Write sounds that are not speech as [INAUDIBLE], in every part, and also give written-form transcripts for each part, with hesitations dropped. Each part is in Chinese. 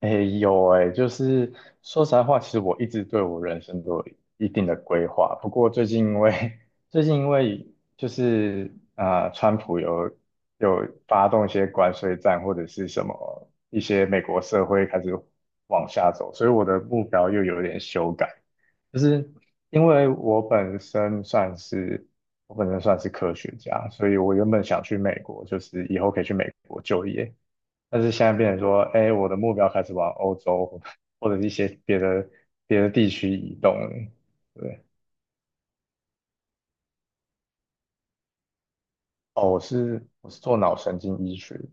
哎有诶，就是说实在话，其实我一直对我人生都有一定的规划。不过最近因为 [LAUGHS] 最近因为就是川普有发动一些关税战或者是什么一些美国社会开始往下走，所以我的目标又有点修改。就是因为我本身算是科学家，所以我原本想去美国，就是以后可以去美国就业。但是现在变成说，哎，我的目标开始往欧洲或或者一些别的地区移动了。对。哦，我是做脑神经医学的。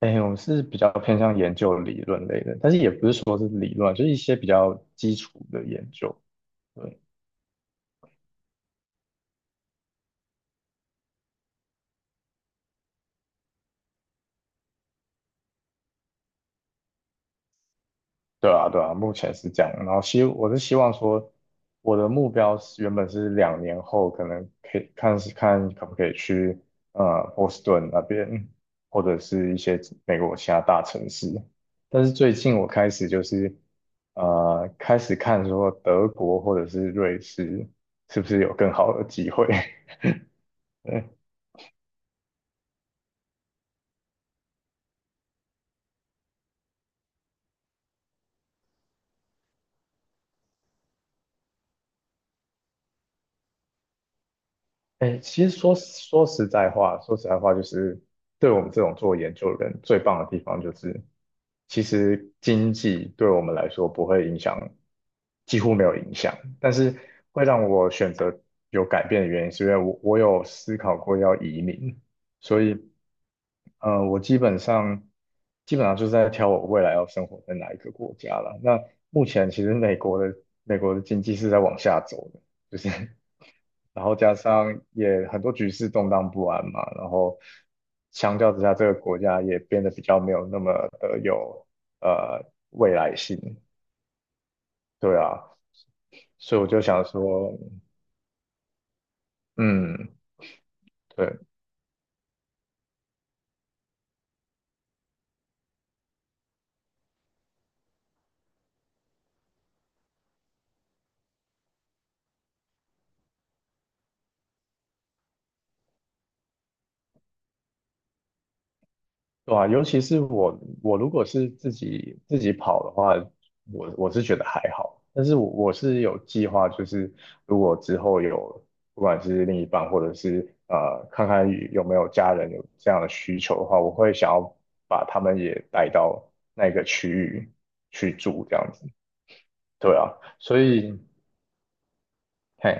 哎，我们是比较偏向研究理论类的，但是也不是说是理论，就是一些比较基础的研究。对。对啊，对啊，目前是这样。然后我是希望说，我的目标原本是两年后可能可以看可不可以去波士顿那边，或者是一些美国其他大城市。但是最近我开始就是开始看说德国或者是瑞士是不是有更好的机会。[LAUGHS] 对。哎，其实说实在话，说实在话就是对我们这种做研究的人最棒的地方就是。其实经济对我们来说不会影响，几乎没有影响。但是会让我选择有改变的原因，是因为我有思考过要移民，所以我基本上基本上就是在挑我未来要生活在哪一个国家了。那目前其实美国的经济是在往下走的，就是 [LAUGHS] 然后加上也很多局势动荡不安嘛，然后相较之下，这个国家也变得比较没有那么的有呃未来性。对啊。所以我就想说，嗯。对。对啊，尤其是我，我如果是自己跑的话，我是觉得还好。但是我是有计划，就是如果之后有，不管是另一半或者是看看有没有家人有这样的需求的话，我会想要把他们也带到那个区域去住，这样子。对啊。所以，嘿。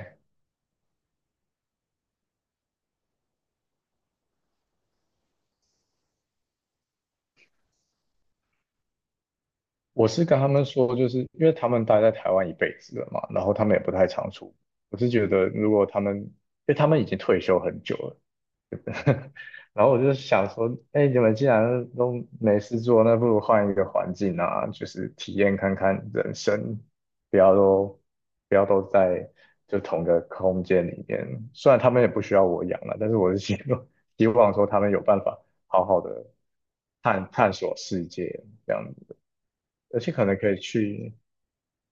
我是跟他们说，就是因为他们待在台湾一辈子了嘛，然后他们也不太常出国。我是觉得，如果他们，因为他们已经退休很久了，[LAUGHS] 然后我就想说，哎，你们既然都没事做，那不如换一个环境啊，就是体验看看人生，不要都不要都在就同个空间里面。虽然他们也不需要我养了，但是我是希望 [LAUGHS] 希望说他们有办法好好的探索世界这样子，而且可能可以去。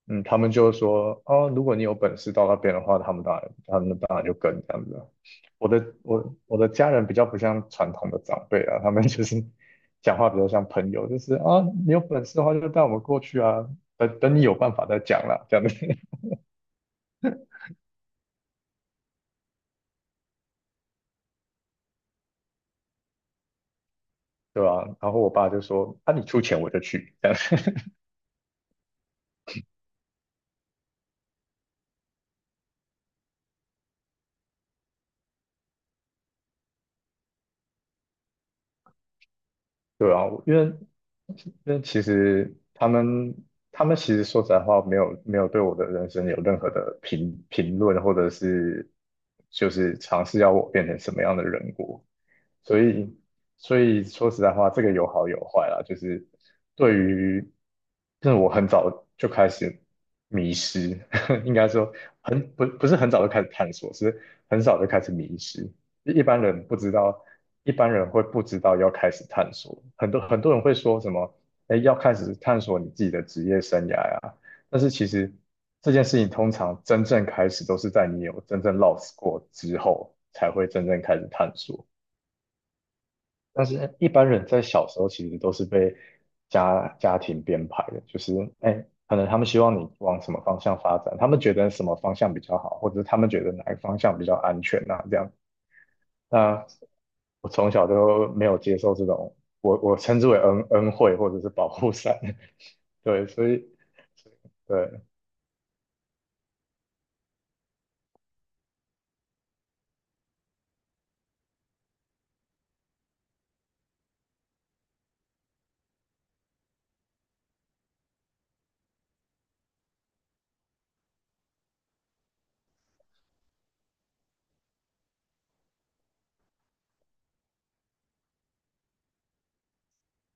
嗯，他们就说，哦，如果你有本事到那边的话，他们当然就跟这样子。我的家人比较不像传统的长辈啊，他们 [LAUGHS] 就是讲话比较像朋友，就是啊，你有本事的话就带我们过去啊，等等你有办法再讲啦，这样子。[LAUGHS] 对吧、然后我爸就说，啊，你出钱我就去，这样。对啊，因为其实他们其实说实在话，没有对我的人生有任何的评论，或者是就是尝试要我变成什么样的人过，所以，所以说实在话，这个有好有坏啦。就是对于，就是我很早就开始迷失，[LAUGHS] 应该说不不是很早就开始探索，是很早就开始迷失。一般人不知道，一般人会不知道要开始探索。很多人会说什么，哎，要开始探索你自己的职业生涯呀、但是其实这件事情通常真正开始都是在你有真正 lost 过之后，才会真正开始探索。但是一般人在小时候其实都是被家庭编排的，就是哎，可能他们希望你往什么方向发展，他们觉得什么方向比较好，或者是他们觉得哪个方向比较安全啊，这样。那我从小就没有接受这种，我称之为恩惠或者是保护伞，[LAUGHS] 对。所以对，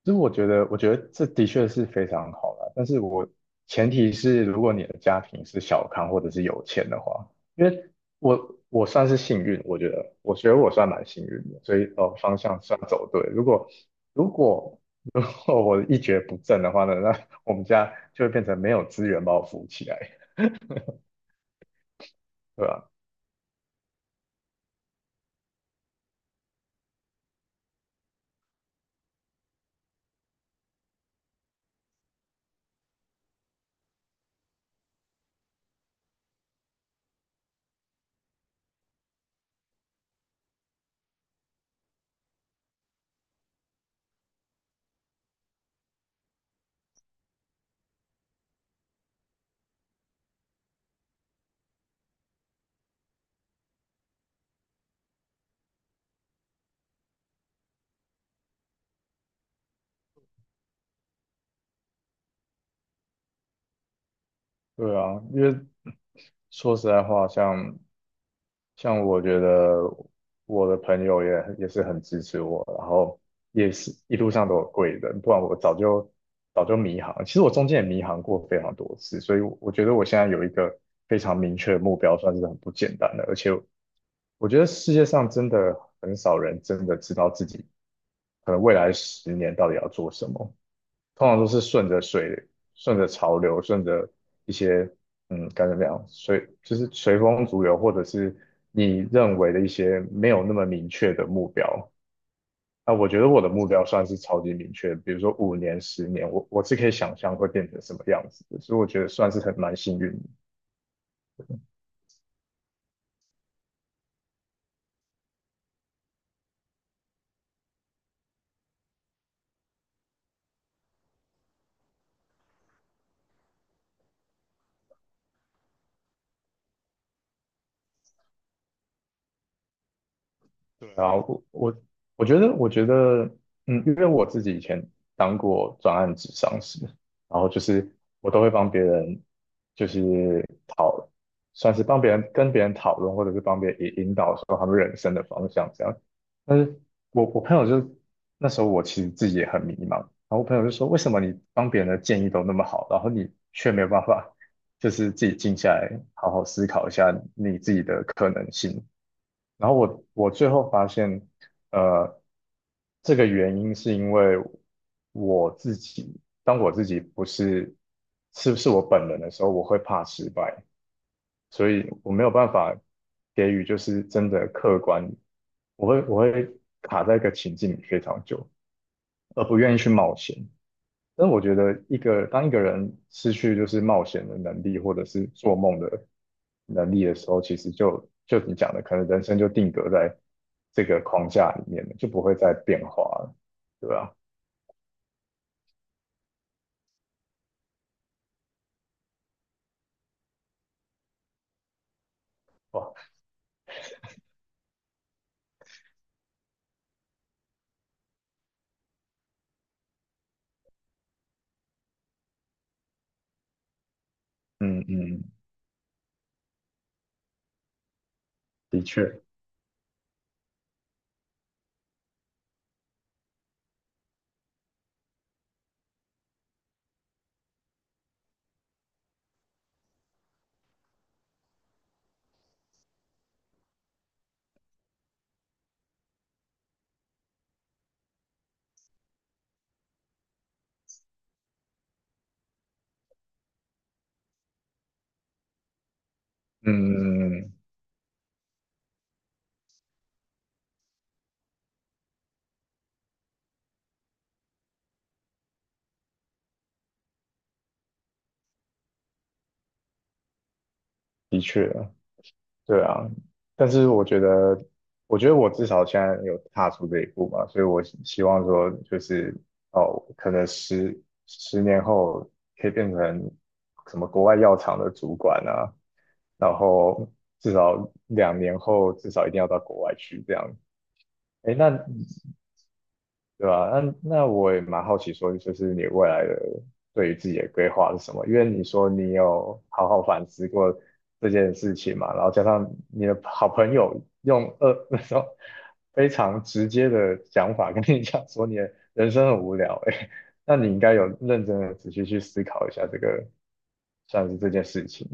其实我觉得，我觉得这的确是非常好啦，但是我前提是，如果你的家庭是小康或者是有钱的话，因为我算是幸运，我觉得，我觉得我算蛮幸运的，所以哦方向算走对。如果如果 [LAUGHS] 如果我一蹶不振的话呢，那我们家就会变成没有资源把我扶起来。对吧、对啊，因为说实在话，像像我觉得我的朋友也也是很支持我，然后也是一路上都有贵人，不然我早就早就迷航。其实我中间也迷航过非常多次，所以我觉得我现在有一个非常明确的目标，算是很不简单的。而且我觉得世界上真的很少人真的知道自己可能未来10年到底要做什么。通常都是顺着水、顺着潮流、顺着一些该怎么样，就是随风逐流，或者是你认为的一些没有那么明确的目标。啊，我觉得我的目标算是超级明确的比如说5年、10年，我是可以想象会变成什么样子的，所以我觉得算是很蛮幸运的。对然啊，后我我觉得，我觉得，嗯，因为我自己以前当过专案咨商师，然后就是我都会帮别人，就是讨，算是帮别人跟别人讨论，或者是帮别人引导说他们人生的方向这样。但是我朋友就那时候我其实自己也很迷茫，然后我朋友就说，为什么你帮别人的建议都那么好，然后你却没有办法，就是自己静下来好好思考一下你自己的可能性，然后我最后发现，呃，这个原因是因为我自己，当我自己不是是不是我本人的时候，我会怕失败，所以我没有办法给予就是真的客观，我会卡在一个情境里非常久，而不愿意去冒险。但我觉得当一个人失去就是冒险的能力，或者是做梦的能力的时候，其实就你讲的，可能人生就定格在这个框架里面了，就不会再变化了，对吧？哇。嗯嗯，的确。嗯嗯嗯，的确啊。对啊，但是我觉得，我觉得我至少现在有踏出这一步嘛，所以我希望说，就是哦，可能10年后可以变成什么国外药厂的主管啊，然后至少两年后至少一定要到国外去这样。诶，那对吧？那我也蛮好奇说，就是你未来的对于自己的规划是什么？因为你说你有好好反思过这件事情嘛，然后加上你的好朋友用[LAUGHS] 那种非常直接的讲法跟你讲说你的人生很无聊、哎，[LAUGHS] 那你应该有认真的仔细去思考一下这个，算是这件事情。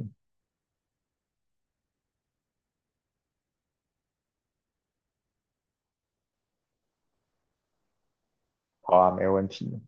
好啊，没问题。